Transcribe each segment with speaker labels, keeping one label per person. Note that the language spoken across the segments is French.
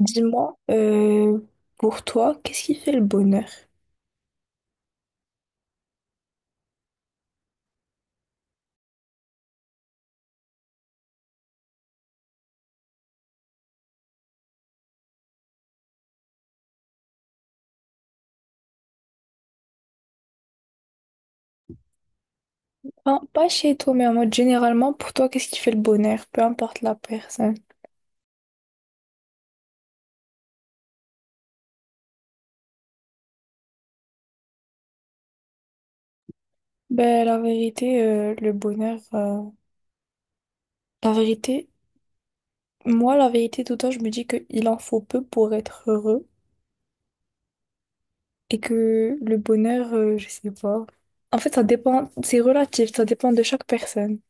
Speaker 1: Dis-moi, pour toi, qu'est-ce qui fait le bonheur? Enfin, pas chez toi, mais en mode généralement, pour toi, qu'est-ce qui fait le bonheur? Peu importe la personne. Ben, la vérité, le bonheur, la vérité, moi, la vérité, tout le temps, je me dis qu'il en faut peu pour être heureux et que le bonheur, je sais pas. En fait, ça dépend, c'est relatif, ça dépend de chaque personne.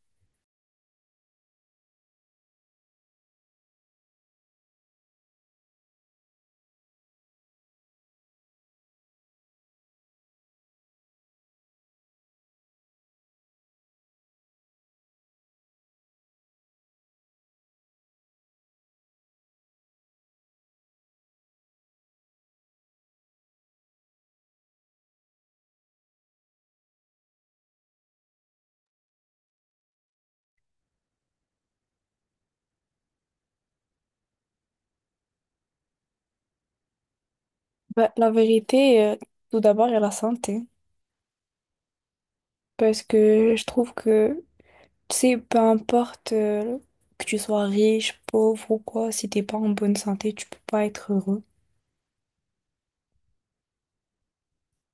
Speaker 1: Ben, la vérité, tout d'abord, il y a la santé parce que je trouve que tu sais, peu importe que tu sois riche, pauvre ou quoi, si t'es pas en bonne santé, tu peux pas être heureux.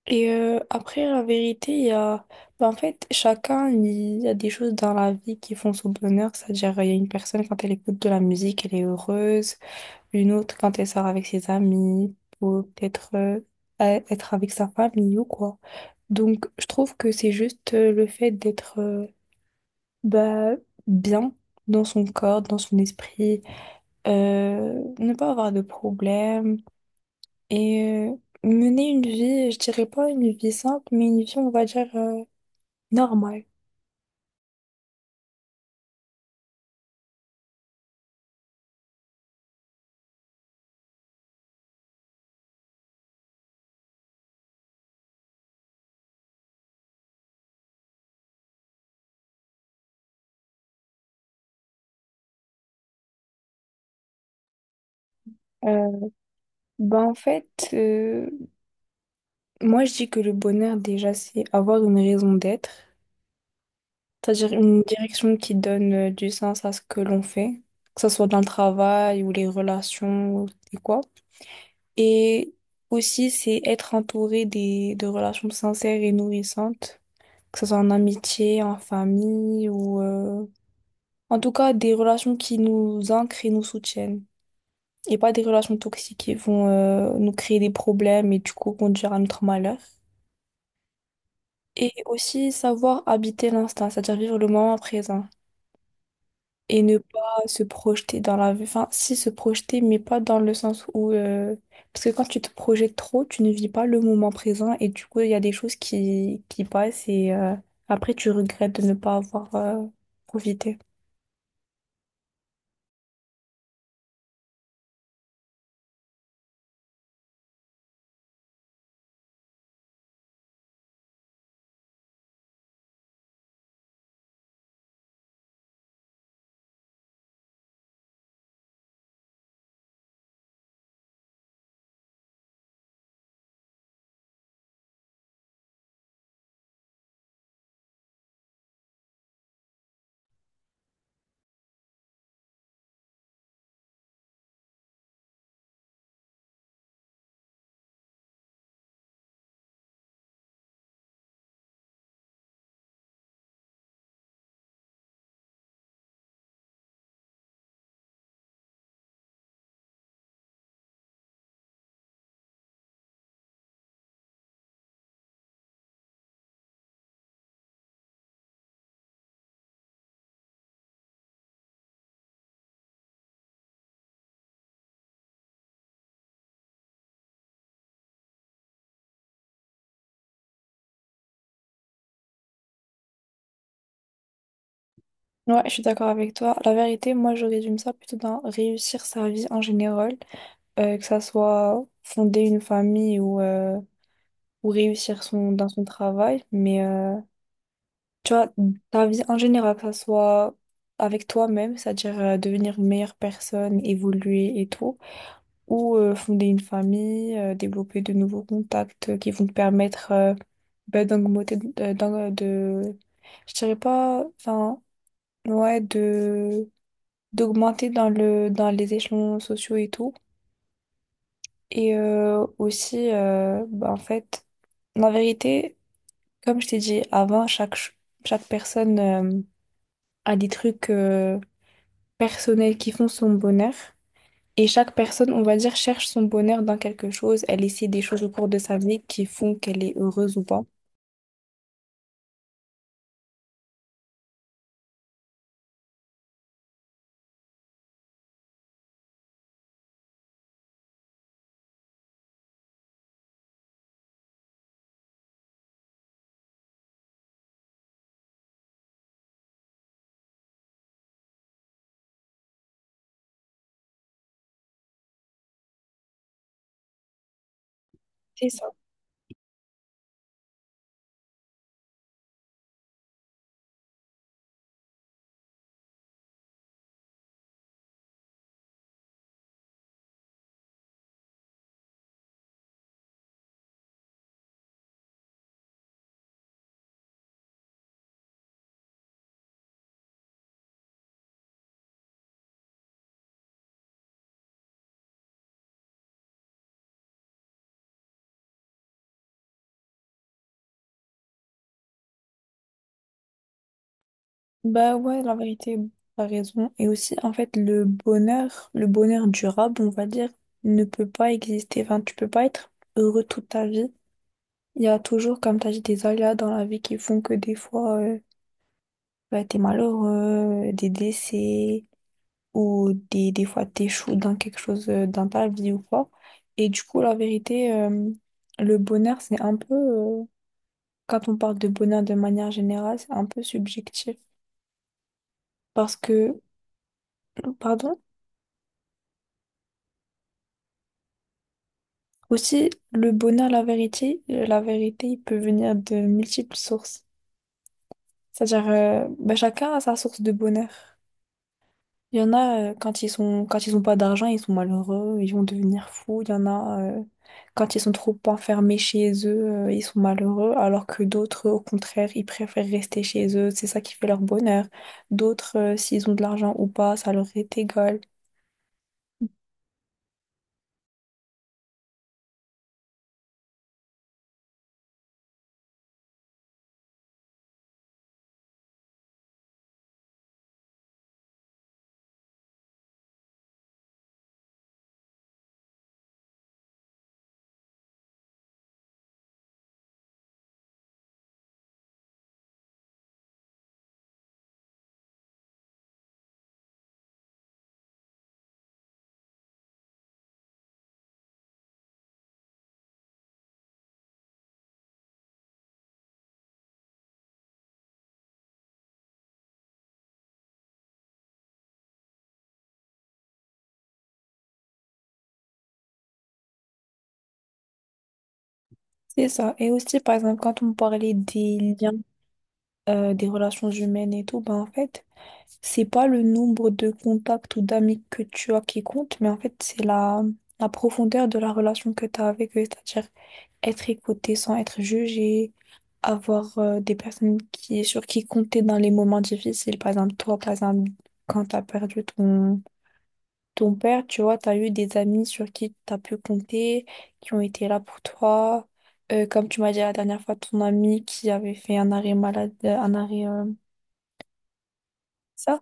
Speaker 1: Et après, la vérité, il y a... ben, en fait, chacun, il y a des choses dans la vie qui font son bonheur. C'est-à-dire, il y a une personne, quand elle écoute de la musique, elle est heureuse. Une autre, quand elle sort avec ses amis, ou peut-être être avec sa famille ou quoi. Donc, je trouve que c'est juste le fait d'être bah, bien dans son corps, dans son esprit. Ne pas avoir de problème et euh, mener une vie, je dirais pas une vie simple, mais une vie, on va dire, normale. Euh, bah en fait, moi je dis que le bonheur, déjà, c'est avoir une raison d'être, c'est-à-dire une direction qui donne du sens à ce que l'on fait, que ce soit dans le travail ou les relations ou et quoi. Et aussi, c'est être entouré des, de relations sincères et nourrissantes que ce soit en amitié, en famille ou en tout cas, des relations qui nous ancrent et nous soutiennent. Et pas des relations toxiques qui vont nous créer des problèmes et du coup conduire à notre malheur. Et aussi savoir habiter l'instant, c'est-à-dire vivre le moment présent. Et ne pas se projeter dans la vie. Enfin, si se projeter, mais pas dans le sens où... parce que quand tu te projettes trop, tu ne vis pas le moment présent et du coup, il y a des choses qui passent et après, tu regrettes de ne pas avoir profité. Ouais, je suis d'accord avec toi. La vérité, moi, je résume ça plutôt dans réussir sa vie en général, que ça soit fonder une famille ou réussir son, dans son travail. Mais tu vois, ta vie en général, que ça soit avec toi-même, c'est-à-dire devenir une meilleure personne, évoluer et tout, ou fonder une famille, développer de nouveaux contacts qui vont te permettre ben, d'augmenter, je dirais pas, enfin, ouais, de d'augmenter dans le dans les échelons sociaux et tout et aussi bah, en fait la vérité comme je t'ai dit avant chaque personne a des trucs personnels qui font son bonheur. Et chaque personne, on va dire, cherche son bonheur dans quelque chose. Elle essaie des choses au cours de sa vie qui font qu'elle est heureuse ou pas. C'est ça. Bah ouais, la vérité, t'as raison. Et aussi, en fait, le bonheur durable, on va dire, ne peut pas exister. Enfin, tu peux pas être heureux toute ta vie. Il y a toujours, comme tu as dit, des aléas dans la vie qui font que des fois, bah, t'es malheureux, des décès, ou des fois t'échoues dans quelque chose, dans ta vie ou quoi. Et du coup, la vérité, le bonheur, c'est un peu, quand on parle de bonheur de manière générale, c'est un peu subjectif. Parce que, pardon, aussi, le bonheur, la vérité, il peut venir de multiples sources. C'est-à-dire, bah, chacun a sa source de bonheur. Il y en a, quand ils ont pas d'argent, ils sont malheureux, ils vont devenir fous. Il y en a, quand ils sont trop enfermés chez eux, ils sont malheureux, alors que d'autres, au contraire, ils préfèrent rester chez eux. C'est ça qui fait leur bonheur. D'autres, s'ils ont de l'argent ou pas, ça leur est égal. C'est ça. Et aussi, par exemple, quand on parlait des liens des relations humaines et tout, ben en fait, c'est pas le nombre de contacts ou d'amis que tu as qui compte, mais en fait, c'est la profondeur de la relation que tu as avec eux, c'est-à-dire être écouté sans être jugé, avoir des personnes sur qui compter dans les moments difficiles, par exemple, toi, par exemple, quand tu as perdu ton père, tu vois, tu as eu des amis sur qui tu as pu compter, qui ont été là pour toi. Comme tu m'as dit la dernière fois, ton ami qui avait fait un arrêt malade, un arrêt, ça?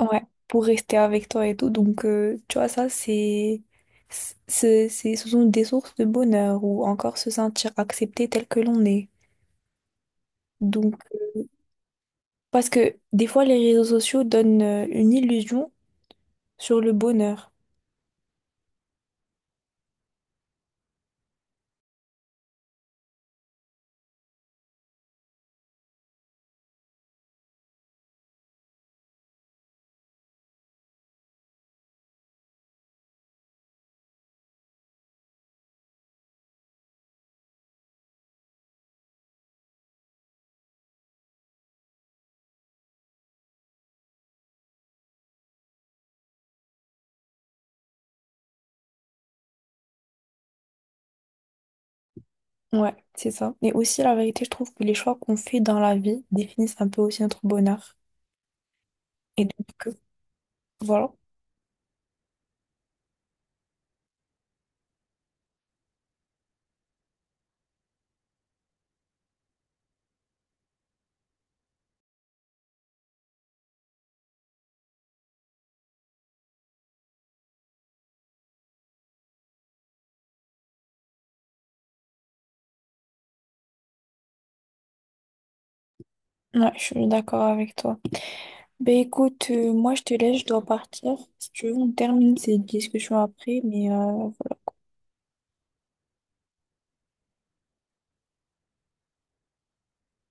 Speaker 1: Ouais, pour rester avec toi et tout. Donc, tu vois, ça, c'est, ce sont des sources de bonheur ou encore se sentir accepté tel que l'on est. Donc, parce que des fois, les réseaux sociaux donnent une illusion sur le bonheur. Ouais, c'est ça. Et aussi, la vérité, je trouve que les choix qu'on fait dans la vie définissent un peu aussi notre bonheur. Et donc, voilà. Ouais, je suis d'accord avec toi. Ben écoute, moi je te laisse, je dois partir. Si tu veux, on termine cette discussion après, mais voilà.